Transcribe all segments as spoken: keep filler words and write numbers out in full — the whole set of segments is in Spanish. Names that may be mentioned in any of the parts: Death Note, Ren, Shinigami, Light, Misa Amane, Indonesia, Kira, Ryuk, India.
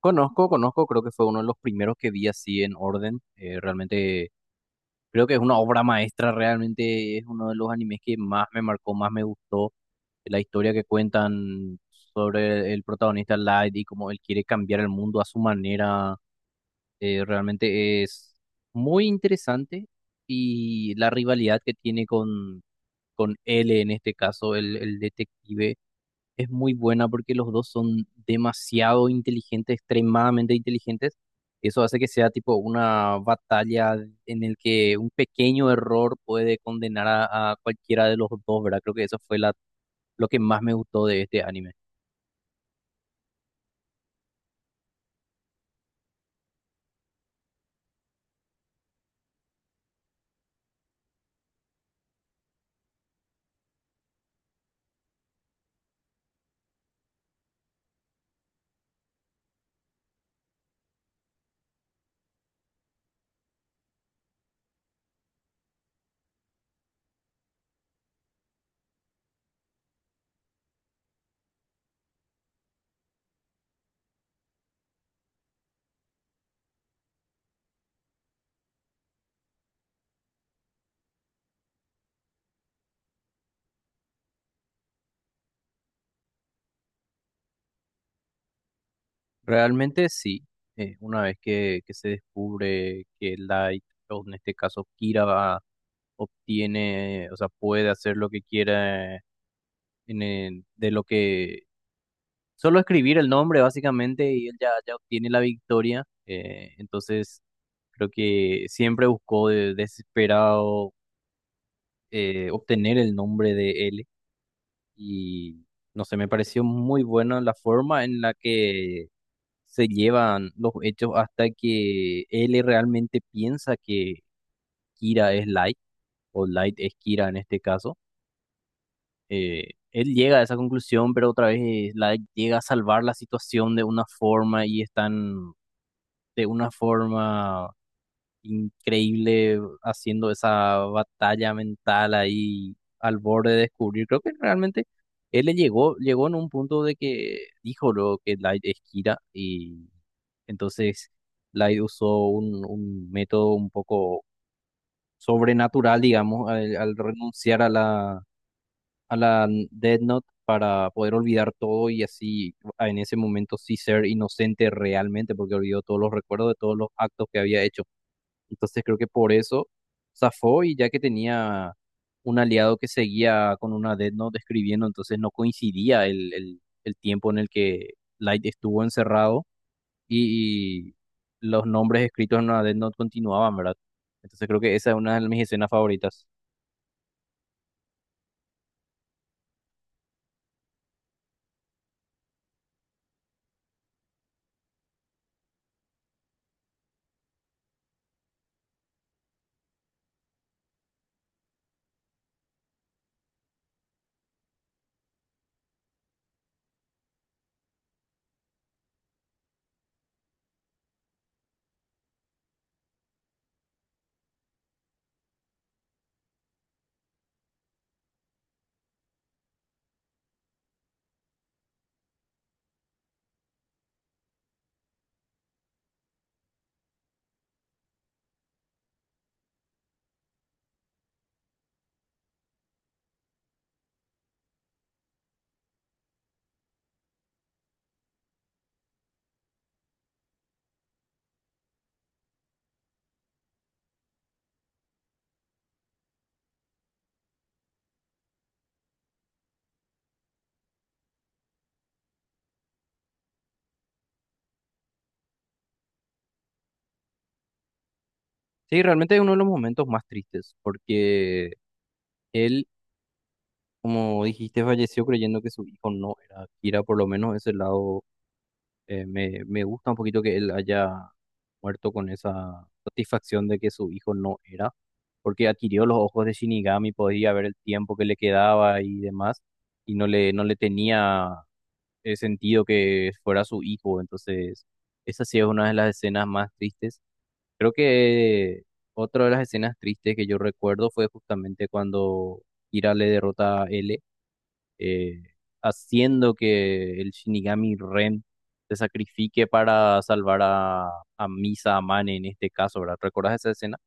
Conozco, conozco, creo que fue uno de los primeros que vi así en orden. Eh, realmente creo que es una obra maestra, realmente es uno de los animes que más me marcó, más me gustó. eh, La historia que cuentan sobre el protagonista Light y cómo él quiere cambiar el mundo a su manera, eh, realmente es muy interesante. Y la rivalidad que tiene con, con L, en este caso, el, el detective es muy buena porque los dos son demasiado inteligentes, extremadamente inteligentes. Eso hace que sea tipo una batalla en el que un pequeño error puede condenar a, a cualquiera de los dos, ¿verdad? Creo que eso fue la, lo que más me gustó de este anime. Realmente sí, eh, una vez que, que se descubre que Light, o en este caso Kira, va- obtiene, o sea, puede hacer lo que quiera en el- de lo que Solo escribir el nombre básicamente y él ya, ya obtiene la victoria. Eh, entonces creo que siempre buscó de- desesperado eh, obtener el nombre de él y no sé, me pareció muy buena la forma en la que se llevan los hechos hasta que él realmente piensa que Kira es Light o Light es Kira en este caso. Eh, él llega a esa conclusión, pero otra vez Light llega a salvar la situación de una forma y están de una forma increíble haciendo esa batalla mental ahí al borde de descubrir. Creo que realmente él le llegó, llegó en un punto de que dijo lo que Light es Kira y entonces Light usó un, un método un poco sobrenatural, digamos, al, al renunciar a la, a la Death Note para poder olvidar todo y así en ese momento sí ser inocente realmente porque olvidó todos los recuerdos de todos los actos que había hecho. Entonces creo que por eso zafó y ya que tenía un aliado que seguía con una Death Note escribiendo, entonces no coincidía el, el- el tiempo en el que Light estuvo encerrado y, y los nombres escritos en una Death Note continuaban, ¿verdad? Entonces creo que esa es una de mis escenas favoritas. Sí, realmente es uno de los momentos más tristes porque él, como dijiste, falleció creyendo que su hijo no era Kira, por lo menos ese lado eh, me, me gusta un poquito que él haya muerto con esa satisfacción de que su hijo no era, porque adquirió los ojos de Shinigami, podía ver el tiempo que le quedaba y demás, y no le, no le tenía eh, sentido que fuera su hijo. Entonces, esa sí es una de las escenas más tristes. Creo que otra de las escenas tristes que yo recuerdo fue justamente cuando Kira le derrota a L eh, haciendo que el Shinigami Ren se sacrifique para salvar a, a Misa Amane en este caso, ¿verdad? ¿Recuerdas esa escena?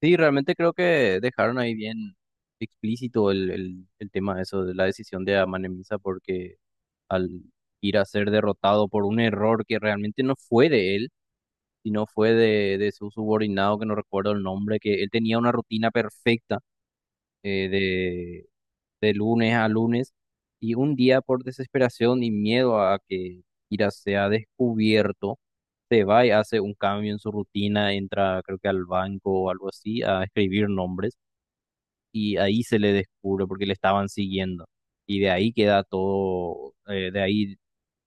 Sí, realmente creo que dejaron ahí bien explícito el, el, el tema de eso, de la decisión de Amane Misa, porque al ir a ser derrotado por un error que realmente no fue de él, sino fue de, de su subordinado, que no recuerdo el nombre, que él tenía una rutina perfecta eh, de lunes a lunes y un día por desesperación y miedo a que Kira sea descubierto, se va y hace un cambio en su rutina, entra creo que al banco o algo así a escribir nombres y ahí se le descubre porque le estaban siguiendo y de ahí queda todo, eh, de ahí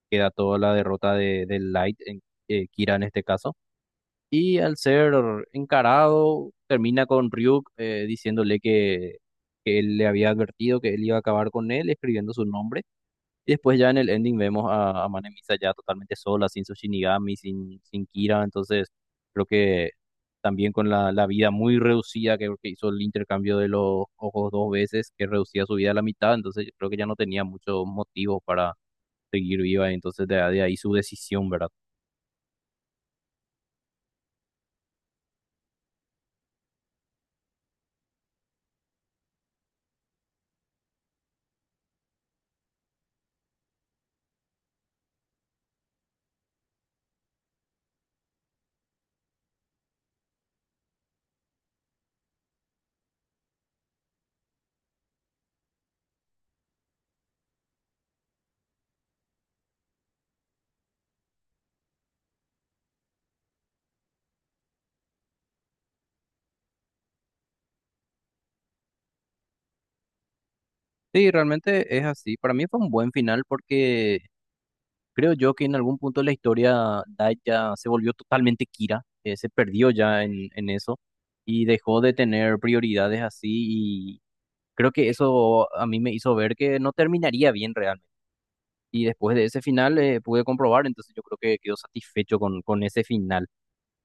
queda toda la derrota de, de Light, en, eh, Kira en este caso y al ser encarado, termina con Ryuk eh, diciéndole que, que él le había advertido que él iba a acabar con él, escribiendo su nombre. Y después ya en el ending vemos a, a Mane Misa ya totalmente sola, sin su Shinigami, sin, sin Kira. Entonces creo que también con la, la vida muy reducida, que, que hizo el intercambio de los ojos dos veces, que reducía su vida a la mitad. Entonces yo creo que ya no tenía muchos motivos para seguir viva. Entonces de de ahí su decisión, ¿verdad? Sí, realmente es así. Para mí fue un buen final porque creo yo que en algún punto de la historia Dai ya se volvió totalmente Kira, eh, se perdió ya en, en eso y dejó de tener prioridades así y creo que eso a mí me hizo ver que no terminaría bien realmente. Y después de ese final eh, pude comprobar, entonces yo creo que quedó satisfecho con, con ese final.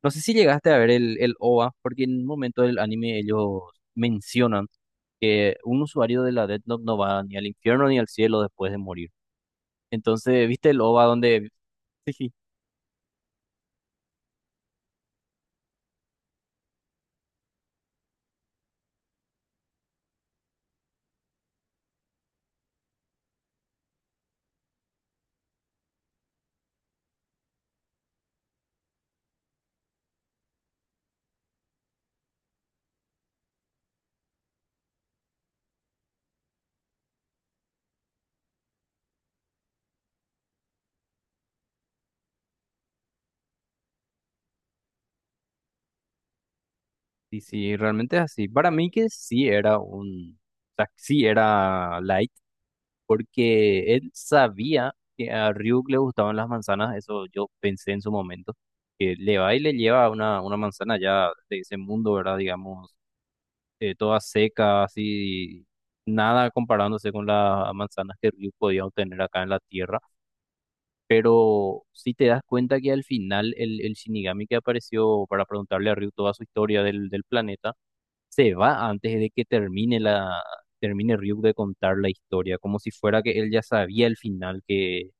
No sé si llegaste a ver el, el OVA, porque en un momento del anime ellos mencionan que un usuario de la Death Note no va ni al infierno ni al cielo después de morir. Entonces, ¿viste el OVA donde... Sí, sí, sí, sí, realmente es así. Para mí que sí era un... O sea, sí era Light, porque él sabía que a Ryuk le gustaban las manzanas, eso yo pensé en su momento, que le va y le lleva una, una manzana ya de ese mundo, ¿verdad? Digamos, eh, toda seca, así, nada comparándose con las manzanas que Ryu podía obtener acá en la tierra. Pero si te das cuenta que al final el, el Shinigami que apareció para preguntarle a Ryu toda su historia del, del planeta, se va antes de que termine la, termine Ryu de contar la historia, como si fuera que él ya sabía el final que,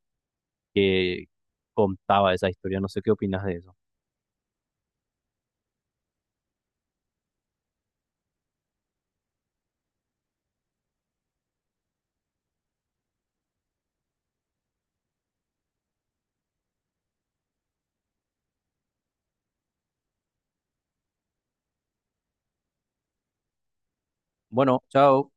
que contaba esa historia. No sé qué opinas de eso. Bueno, chao.